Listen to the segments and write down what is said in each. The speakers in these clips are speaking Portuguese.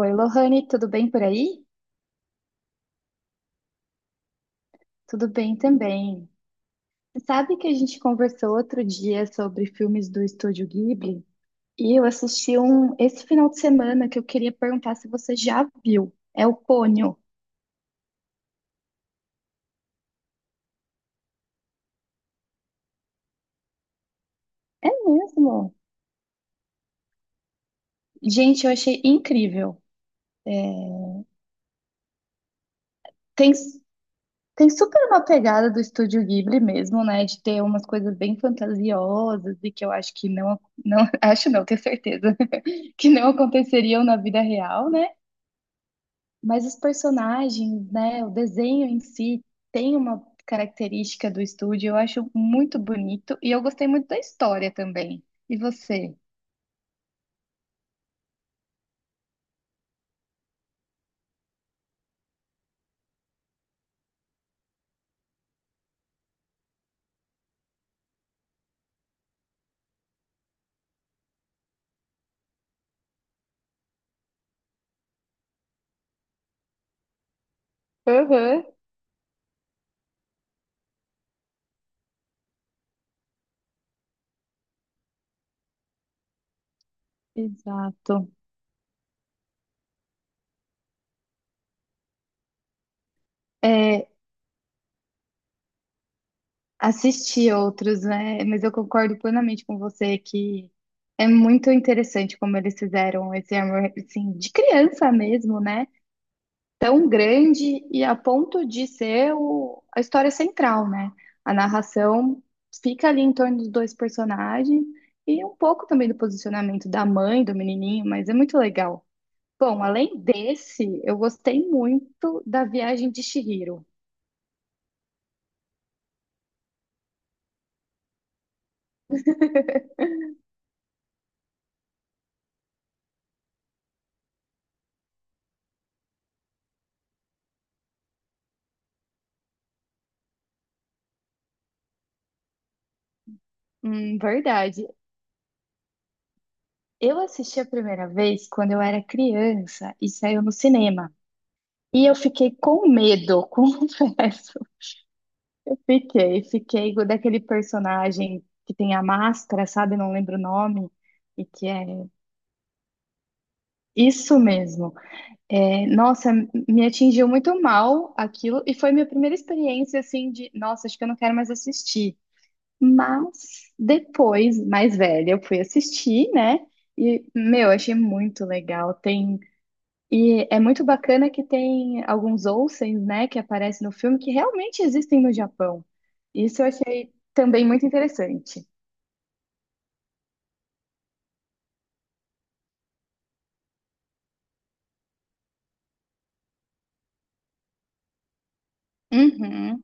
Oi, Lohane, tudo bem por aí? Tudo bem também. Você sabe que a gente conversou outro dia sobre filmes do Estúdio Ghibli? E eu assisti um esse final de semana que eu queria perguntar se você já viu. É o Ponyo. É mesmo? Gente, eu achei incrível. É, Tem, tem super uma pegada do Estúdio Ghibli mesmo, né? De ter umas coisas bem fantasiosas e que eu acho que não acho não, tenho certeza que não aconteceriam na vida real, né? Mas os personagens, né, o desenho em si tem uma característica do estúdio, eu acho muito bonito e eu gostei muito da história também. E você? Aham. Exato. É, assisti outros, né? Mas eu concordo plenamente com você que é muito interessante como eles fizeram esse amor, assim, de criança mesmo, né? Tão grande e a ponto de ser o- a história central, né? A narração fica ali em torno dos dois personagens e um pouco também do posicionamento da mãe, do menininho, mas é muito legal. Bom, além desse, eu gostei muito da Viagem de Chihiro. Verdade. Eu assisti a primeira vez quando eu era criança e saiu no cinema. E eu fiquei com medo, confesso. Fiquei daquele personagem que tem a máscara, sabe? Não lembro o nome, e que é isso mesmo. É, nossa, me atingiu muito mal aquilo, e foi minha primeira experiência assim de, nossa, acho que eu não quero mais assistir. Mas depois, mais velha, eu fui assistir, né? E, meu, achei muito legal. Tem e é muito bacana que tem alguns onsens, né, que aparecem no filme que realmente existem no Japão. Isso eu achei também muito interessante. Uhum,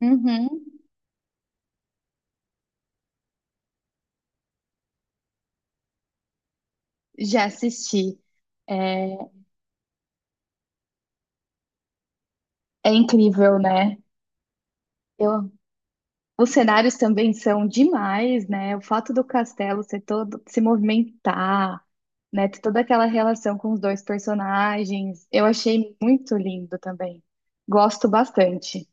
uhum. Já assisti. É, é incrível, né? Eu, os cenários também são demais, né? O fato do castelo ser todo, se movimentar, né? Ter toda aquela relação com os dois personagens. Eu achei muito lindo também. Gosto bastante.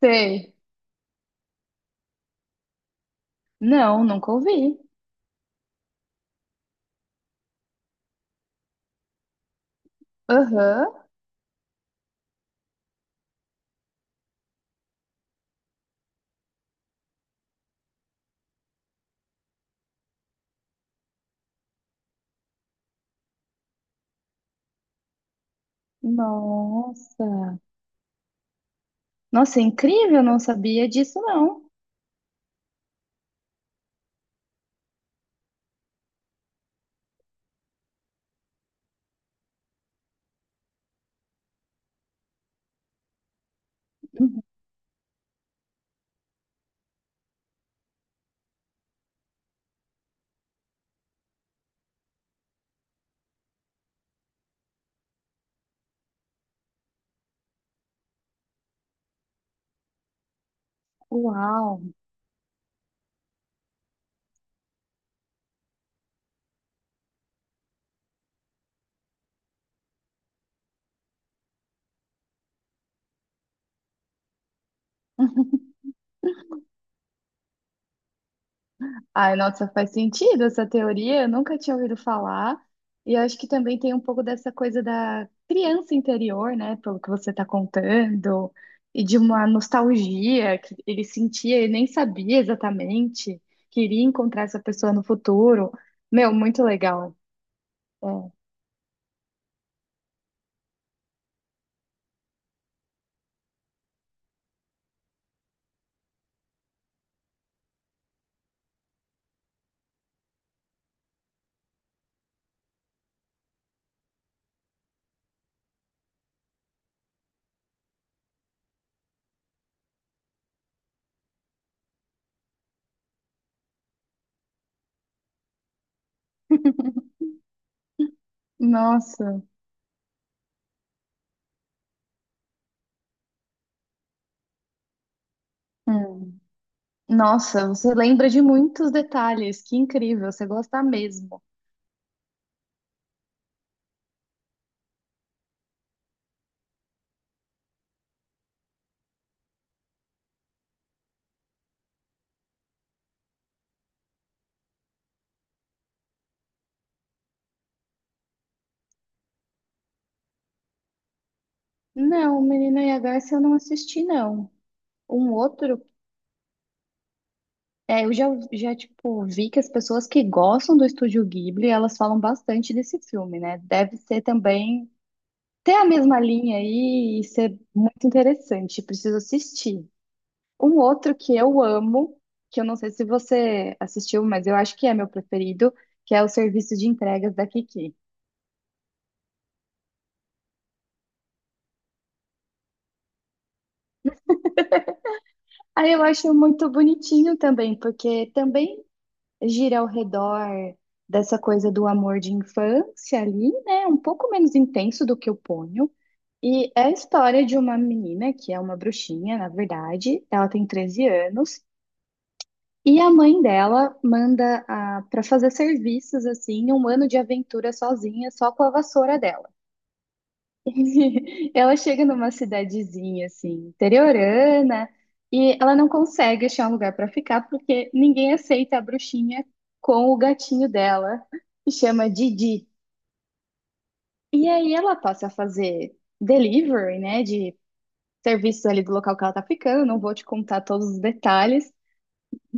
Sei. Não, nunca ouvi. Aham. Nossa. Nossa, é incrível, não sabia disso, não. Uhum. Uau. Ai, nossa, faz sentido essa teoria, eu nunca tinha ouvido falar. E eu acho que também tem um pouco dessa coisa da criança interior, né, pelo que você está contando, e de uma nostalgia que ele sentia e nem sabia exatamente, queria encontrar essa pessoa no futuro. Meu, muito legal. É. Nossa. Hum. Nossa, você lembra de muitos detalhes, que incrível, você gosta mesmo. Não, Menina IH, eu não assisti, não. Um outro, é, eu já, tipo, vi que as pessoas que gostam do Estúdio Ghibli, elas falam bastante desse filme, né? Deve ser também, ter a mesma linha aí e ser muito interessante, preciso assistir. Um outro que eu amo, que eu não sei se você assistiu, mas eu acho que é meu preferido, que é o Serviço de Entregas da Kiki. Aí eu acho muito bonitinho também, porque também gira ao redor dessa coisa do amor de infância ali, né? Um pouco menos intenso do que o Ponyo. E é a história de uma menina que é uma bruxinha, na verdade. Ela tem 13 anos. E a mãe dela manda a, para fazer serviços, assim, um ano de aventura sozinha, só com a vassoura dela. Ela chega numa cidadezinha assim, interiorana, e ela não consegue achar um lugar para ficar porque ninguém aceita a bruxinha com o gatinho dela, que chama Didi. E aí ela passa a fazer delivery, né, de serviços ali do local que ela tá ficando, não vou te contar todos os detalhes,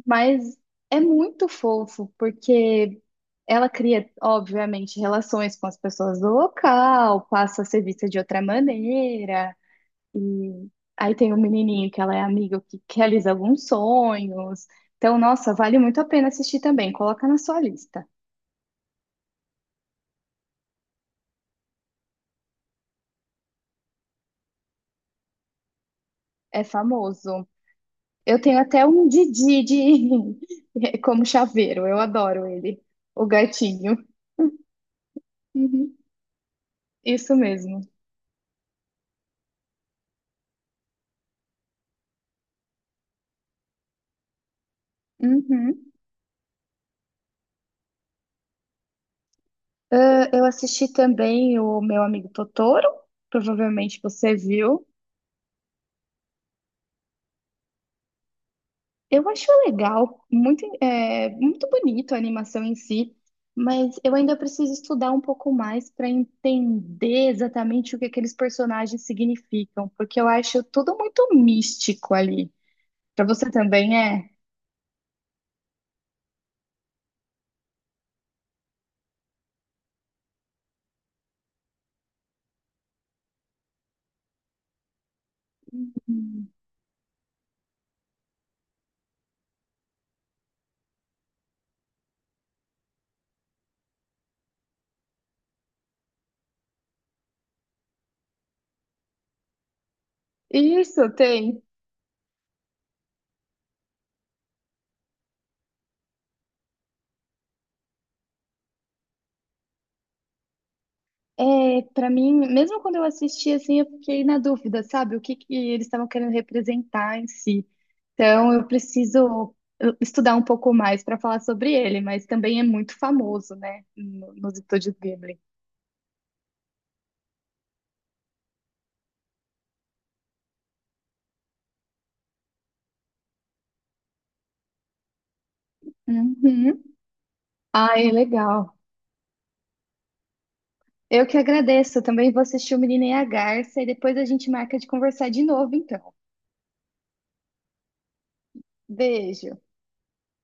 mas é muito fofo porque ela cria, obviamente, relações com as pessoas do local, passa a ser vista de outra maneira. E aí tem um menininho que ela é amiga que realiza alguns sonhos. Então, nossa, vale muito a pena assistir também. Coloca na sua lista. É famoso. Eu tenho até um Didi de... como chaveiro. Eu adoro ele. O gatinho. Uhum, isso mesmo. Uhum. Ah, eu assisti também o Meu Amigo Totoro. Provavelmente você viu. Eu acho legal, muito, é, muito bonito a animação em si, mas eu ainda preciso estudar um pouco mais para entender exatamente o que aqueles personagens significam, porque eu acho tudo muito místico ali. Para você também é? Isso, tem. É, para mim, mesmo quando eu assisti assim, eu fiquei na dúvida, sabe? O que que eles estavam querendo representar em si. Então, eu preciso estudar um pouco mais para falar sobre ele, mas também é muito famoso, né, no- nos estúdios Ghibli. Uhum. Ah, é legal. Eu que agradeço. Também vou assistir o Menino e a Garça e depois a gente marca de conversar de novo, então. Beijo.